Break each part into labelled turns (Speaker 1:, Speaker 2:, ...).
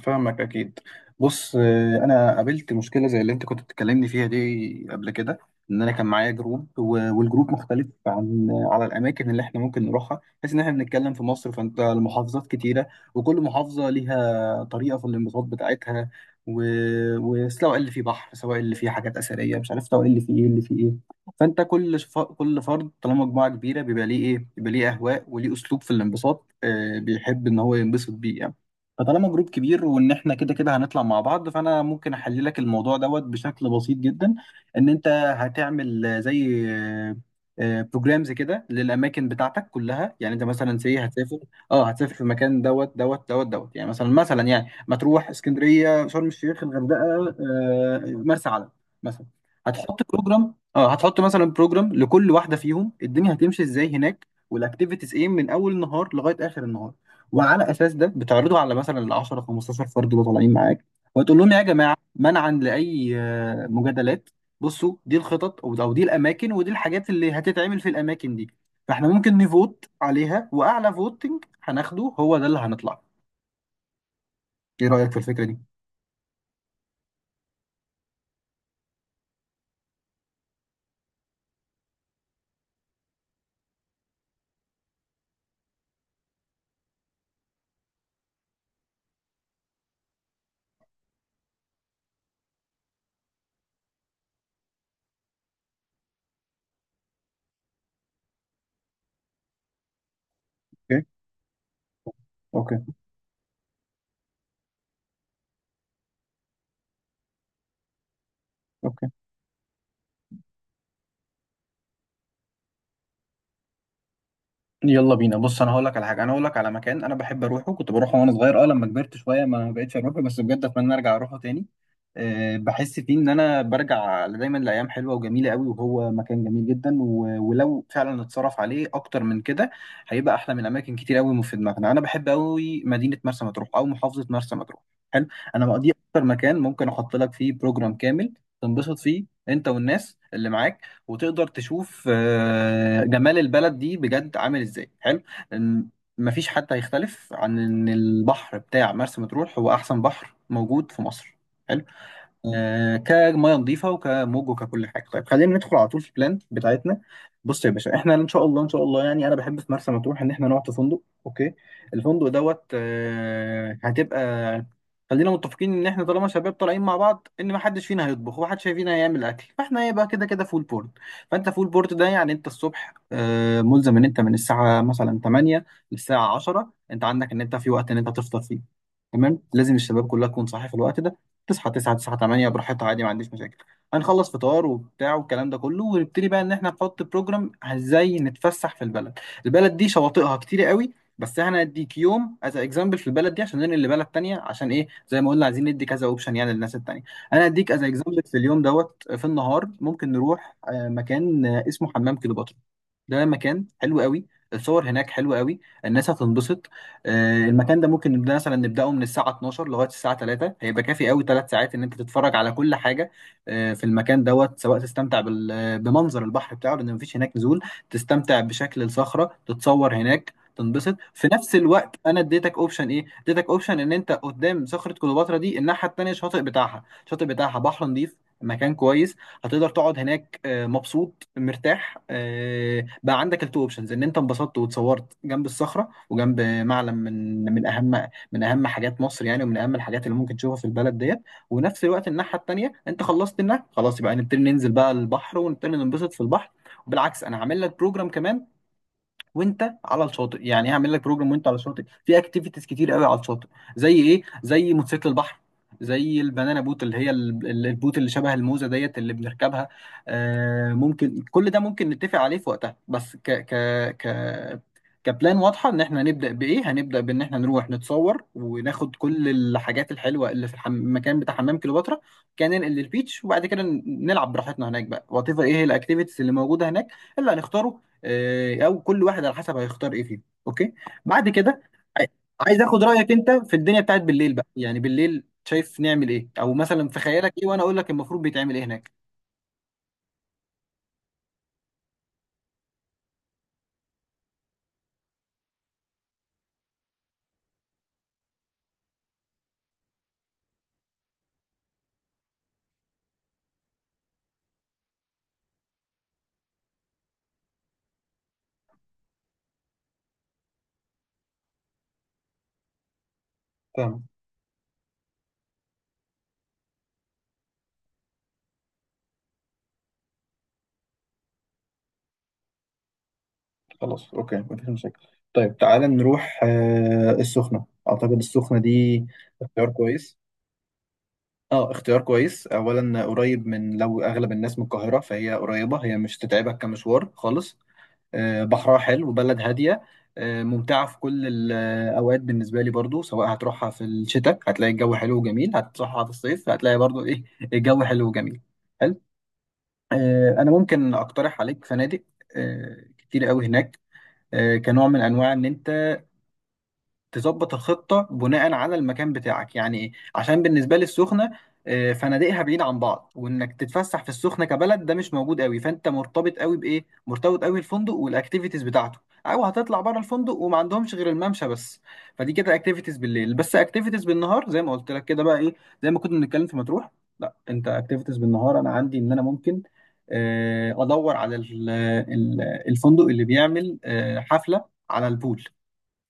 Speaker 1: فاهمك اكيد. بص، انا قابلت مشكله زي اللي انت كنت بتكلمني فيها دي قبل كده. ان انا كان معايا جروب و- والجروب مختلف عن على الاماكن اللي احنا ممكن نروحها، بحيث ان احنا بنتكلم في مصر، فانت المحافظات كتيره، وكل محافظه ليها طريقه في الانبساط بتاعتها. و... وسواء اللي فيه بحر، سواء اللي فيه حاجات اثريه مش عارف، سواء اللي فيه ايه اللي فيه ايه. فانت كل فرد طالما مجموعه كبيره بيبقى ليه اهواء وليه اسلوب في الانبساط، بيحب ان هو ينبسط بيه يعني. فطالما جروب كبير وان احنا كده كده هنطلع مع بعض، فانا ممكن احلل لك الموضوع دوت بشكل بسيط جدا. ان انت هتعمل زي بروجرامز كده للاماكن بتاعتك كلها. يعني انت مثلا سي هتسافر، اه هتسافر في مكان دوت دوت دوت دوت، يعني مثلا يعني مطروح، اسكندريه، شرم الشيخ، الغردقه، مرسى علم مثلا. هتحط بروجرام، هتحط مثلا بروجرام لكل واحده فيهم الدنيا هتمشي ازاي هناك والاكتيفيتيز ايه من اول النهار لغايه اخر النهار. وعلى اساس ده بتعرضه على مثلا ال 10 15 فرد اللي طالعين معاك، وتقول لهم يا جماعه منعا لاي مجادلات، بصوا دي الخطط او دي الاماكن، ودي الحاجات اللي هتتعمل في الاماكن دي. فاحنا ممكن نفوت عليها واعلى فوتنج هناخده هو ده اللي هنطلع. ايه رايك في الفكره دي؟ اوكي، اوكي، اوكي. يلا بينا. بص، انا هقول لك على حاجه، انا هقول لك على مكان انا بحب اروحه، كنت بروحه وانا صغير. اه لما كبرت شويه ما بقتش اروحه، بس بجد اتمنى ارجع اروحه تاني. أه بحس فيه ان انا برجع دايما لايام حلوه وجميله قوي، وهو مكان جميل جدا. و- ولو فعلا اتصرف عليه اكتر من كده، هيبقى احلى من اماكن كتير قوي في دماغنا. انا بحب قوي مدينه مرسى مطروح او محافظه مرسى مطروح. حلو. انا مقضي اكتر مكان ممكن احط لك فيه بروجرام كامل تنبسط فيه انت والناس اللي معاك، وتقدر تشوف جمال البلد دي بجد عامل ازاي. حلو. إن مفيش حد هيختلف عن ان البحر بتاع مرسى مطروح هو احسن بحر موجود في مصر. حلو. كميه نظيفه وكموج وككل حاجه. طيب، خلينا ندخل على طول في البلان بتاعتنا. بص يا باشا، احنا ان شاء الله ان شاء الله يعني انا بحب في مرسى مطروح ان احنا نقعد في فندق. اوكي، الفندق دوت هتبقى، خلينا متفقين ان احنا طالما شباب طالعين مع بعض ان ما حدش فينا هيطبخ ومحدش فينا هيعمل اكل، فاحنا هيبقى كده كده فول بورد. فانت فول بورد ده يعني انت الصبح ملزم ان انت من الساعه مثلا 8 للساعه 10 انت عندك ان انت في وقت ان انت تفطر فيه. تمام، لازم الشباب كلها تكون صاحيه في الوقت ده. تصحى 9، 9، 8 براحتها عادي، ما عنديش مشاكل. هنخلص فطار وبتاع والكلام ده كله، ونبتدي بقى ان احنا نحط بروجرام ازاي نتفسح في البلد. البلد دي شواطئها كتير قوي، بس احنا هنديك يوم از اكزامبل في البلد دي عشان ننقل لبلد تانية، عشان ايه؟ زي ما قلنا عايزين ندي كذا اوبشن يعني للناس التانية. انا هديك از اكزامبل في اليوم دوت. في النهار ممكن نروح مكان اسمه حمام كليوباترا. ده مكان حلو قوي، الصور هناك حلوة قوي، الناس هتنبسط. المكان ده ممكن نبدأ مثلا نبدأه من الساعة 12 لغاية الساعة 3، هيبقى كافي قوي 3 ساعات ان انت تتفرج على كل حاجة. في المكان دوت، سواء تستمتع بال- آه، بمنظر البحر بتاعه لان مفيش هناك نزول، تستمتع بشكل الصخرة، تتصور هناك، تنبسط. في نفس الوقت انا اديتك اوبشن ايه، اديتك اوبشن ان انت قدام صخرة كليوباترا دي، الناحية التانية الشاطئ بتاعها، الشاطئ بتاعها بحر نظيف، مكان كويس، هتقدر تقعد هناك مبسوط مرتاح. بقى عندك التو اوبشنز، ان انت انبسطت واتصورت جنب الصخره وجنب معلم من اهم حاجات مصر يعني، ومن اهم الحاجات اللي ممكن تشوفها في البلد ديت. ونفس الوقت الناحيه التانيه انت خلصت النهر خلاص، يبقى نبتدي ننزل بقى البحر ونبتدي ننبسط في البحر. وبالعكس انا عامل لك بروجرام كمان وانت على الشاطئ، يعني هعمل لك بروجرام وانت على الشاطئ في اكتيفيتيز كتير قوي على الشاطئ. زي ايه؟ زي موتوسيكل البحر، زي البنانا بوت اللي هي البوت اللي شبه الموزه ديت اللي بنركبها. آه ممكن كل ده ممكن نتفق عليه في وقتها، بس ك ك ك كبلان واضحه ان احنا هنبدا بايه. هنبدا بان احنا نروح نتصور وناخد كل الحاجات الحلوه اللي في المكان بتاع حمام كليوباترا. كان ننقل للبيتش، وبعد كده نلعب براحتنا هناك بقى وات ايفر ايه هي الاكتيفيتيز اللي موجوده هناك اللي هنختاره، او كل واحد على حسب هيختار ايه فيهم. اوكي، بعد كده عاي- عايز اخد رايك انت في الدنيا بتاعت بالليل بقى. يعني بالليل شايف نعمل ايه، او مثلا في خيالك ايه وانا اقول لك المفروض بيتعمل ايه هناك. تمام، خلاص اوكي مفيش مشاكل. طيب تعالى نروح السخنة. اعتقد السخنة دي اختيار كويس. اه اختيار كويس، اولا قريب من، لو اغلب الناس من القاهرة فهي قريبة، هي مش تتعبك كمشوار خالص. بحرها حلو، بلد هادية، ممتعة في كل الأوقات بالنسبة لي برضو، سواء هتروحها في الشتاء هتلاقي الجو حلو وجميل، هتروحها في الصيف هتلاقي برضو إيه، الجو حلو وجميل. حلو. أنا ممكن أقترح عليك فنادق كتير قوي هناك، كنوع من أنواع إن أنت تظبط الخطة بناء على المكان بتاعك، يعني ايه؟ عشان بالنسبة لي السخنة فنادقها بعيد عن بعض، وانك تتفسح في السخنة كبلد ده مش موجود قوي. فانت مرتبط قوي بايه؟ مرتبط قوي الفندق والاكتيفيتيز بتاعته، او هتطلع بره الفندق وما عندهمش غير الممشى بس. فدي كده اكتيفيتيز بالليل بس، اكتيفيتيز بالنهار زي ما قلت لك كده بقى ايه، زي ما كنا بنتكلم في مطروح. لا انت اكتيفيتيز بالنهار انا عندي ان انا ممكن ادور على ال- الفندق اللي بيعمل حفلة على البول.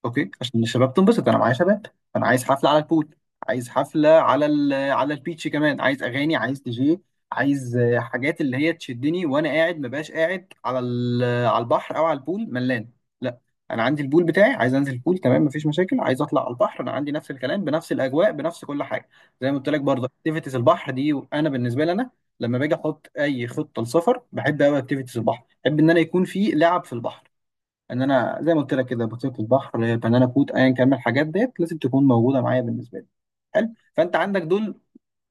Speaker 1: اوكي، عشان الشباب تنبسط انا معايا شباب. انا عايز حفله على البول، عايز حفله على ال على البيتش كمان، عايز اغاني، عايز دي جي، عايز حاجات اللي هي تشدني وانا قاعد. ما بقاش قاعد على على البحر او على البول ملان، لا. انا عندي البول بتاعي، عايز انزل البول تمام مفيش مشاكل، عايز اطلع على البحر انا عندي نفس الكلام بنفس الاجواء بنفس كل حاجه. زي ما قلت لك برضه اكتيفيتيز البحر دي، انا بالنسبه لي انا لما باجي احط اي خطه لسفر، بحب قوي اكتيفيتيز البحر، بحب ان انا يكون في لعب في البحر. ان انا زي ما قلت لك كده بطيخه البحر بنانا كوت ايا كان من الحاجات ديت لازم تكون موجوده معايا بالنسبه لي. حلو. فانت عندك دول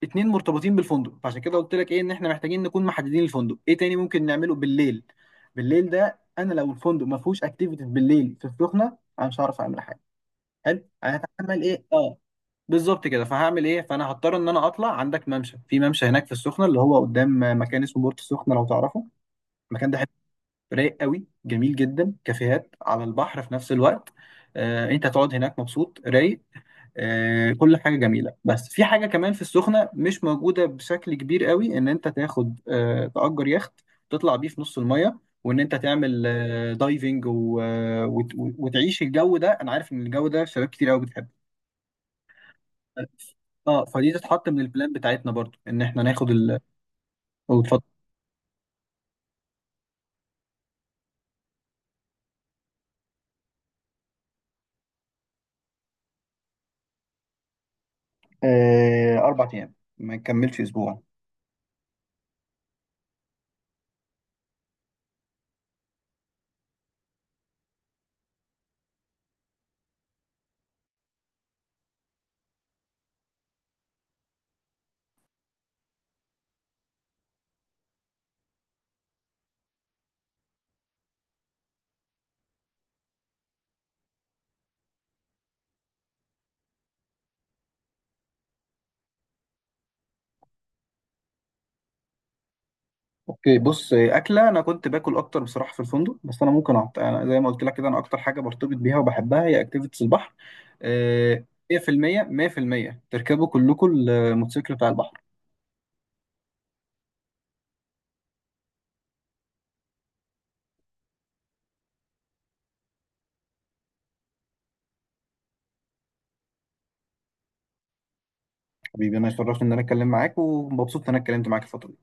Speaker 1: اتنين مرتبطين بالفندق، فعشان كده قلت لك ايه ان احنا محتاجين نكون محددين الفندق. ايه تاني ممكن نعمله بالليل؟ بالليل ده انا لو الفندق ما فيهوش اكتيفيتيز بالليل في السخنه انا مش هعرف اعمل حاجه. حلو، انا هتعمل ايه اه. بالظبط كده. فهعمل ايه؟ فانا هضطر ان انا اطلع عندك ممشى، في ممشى هناك في السخنه اللي هو قدام مكان اسمه بورت السخنه لو تعرفه. المكان ده رايق قوي، جميل جدا، كافيهات على البحر في نفس الوقت. انت هتقعد هناك مبسوط رايق، كل حاجه جميله. بس في حاجه كمان في السخنه مش موجوده بشكل كبير قوي، ان انت تاخد تأجر يخت، تطلع بيه في نص الميه وان انت تعمل دايفنج و- آه، وت- وتعيش الجو ده. انا عارف ان الجو ده شباب كتير قوي بتحبه. اه فدي تتحط من البلان بتاعتنا برضو ان احنا ناخد أو تفضل. اربع ايام ما نكملش اسبوع. اوكي بص، اكله انا كنت باكل اكتر بصراحه في الفندق. بس انا ممكن أنا زي ما قلت لك كده انا اكتر حاجه برتبط بيها وبحبها هي اكتيفيتيز البحر. آه، 100% 100% تركبوا كلكم الموتوسيكل بتاع البحر. حبيبي انا اتشرفت ان انا اتكلم معاك ومبسوط ان انا اتكلمت معاك الفتره دي.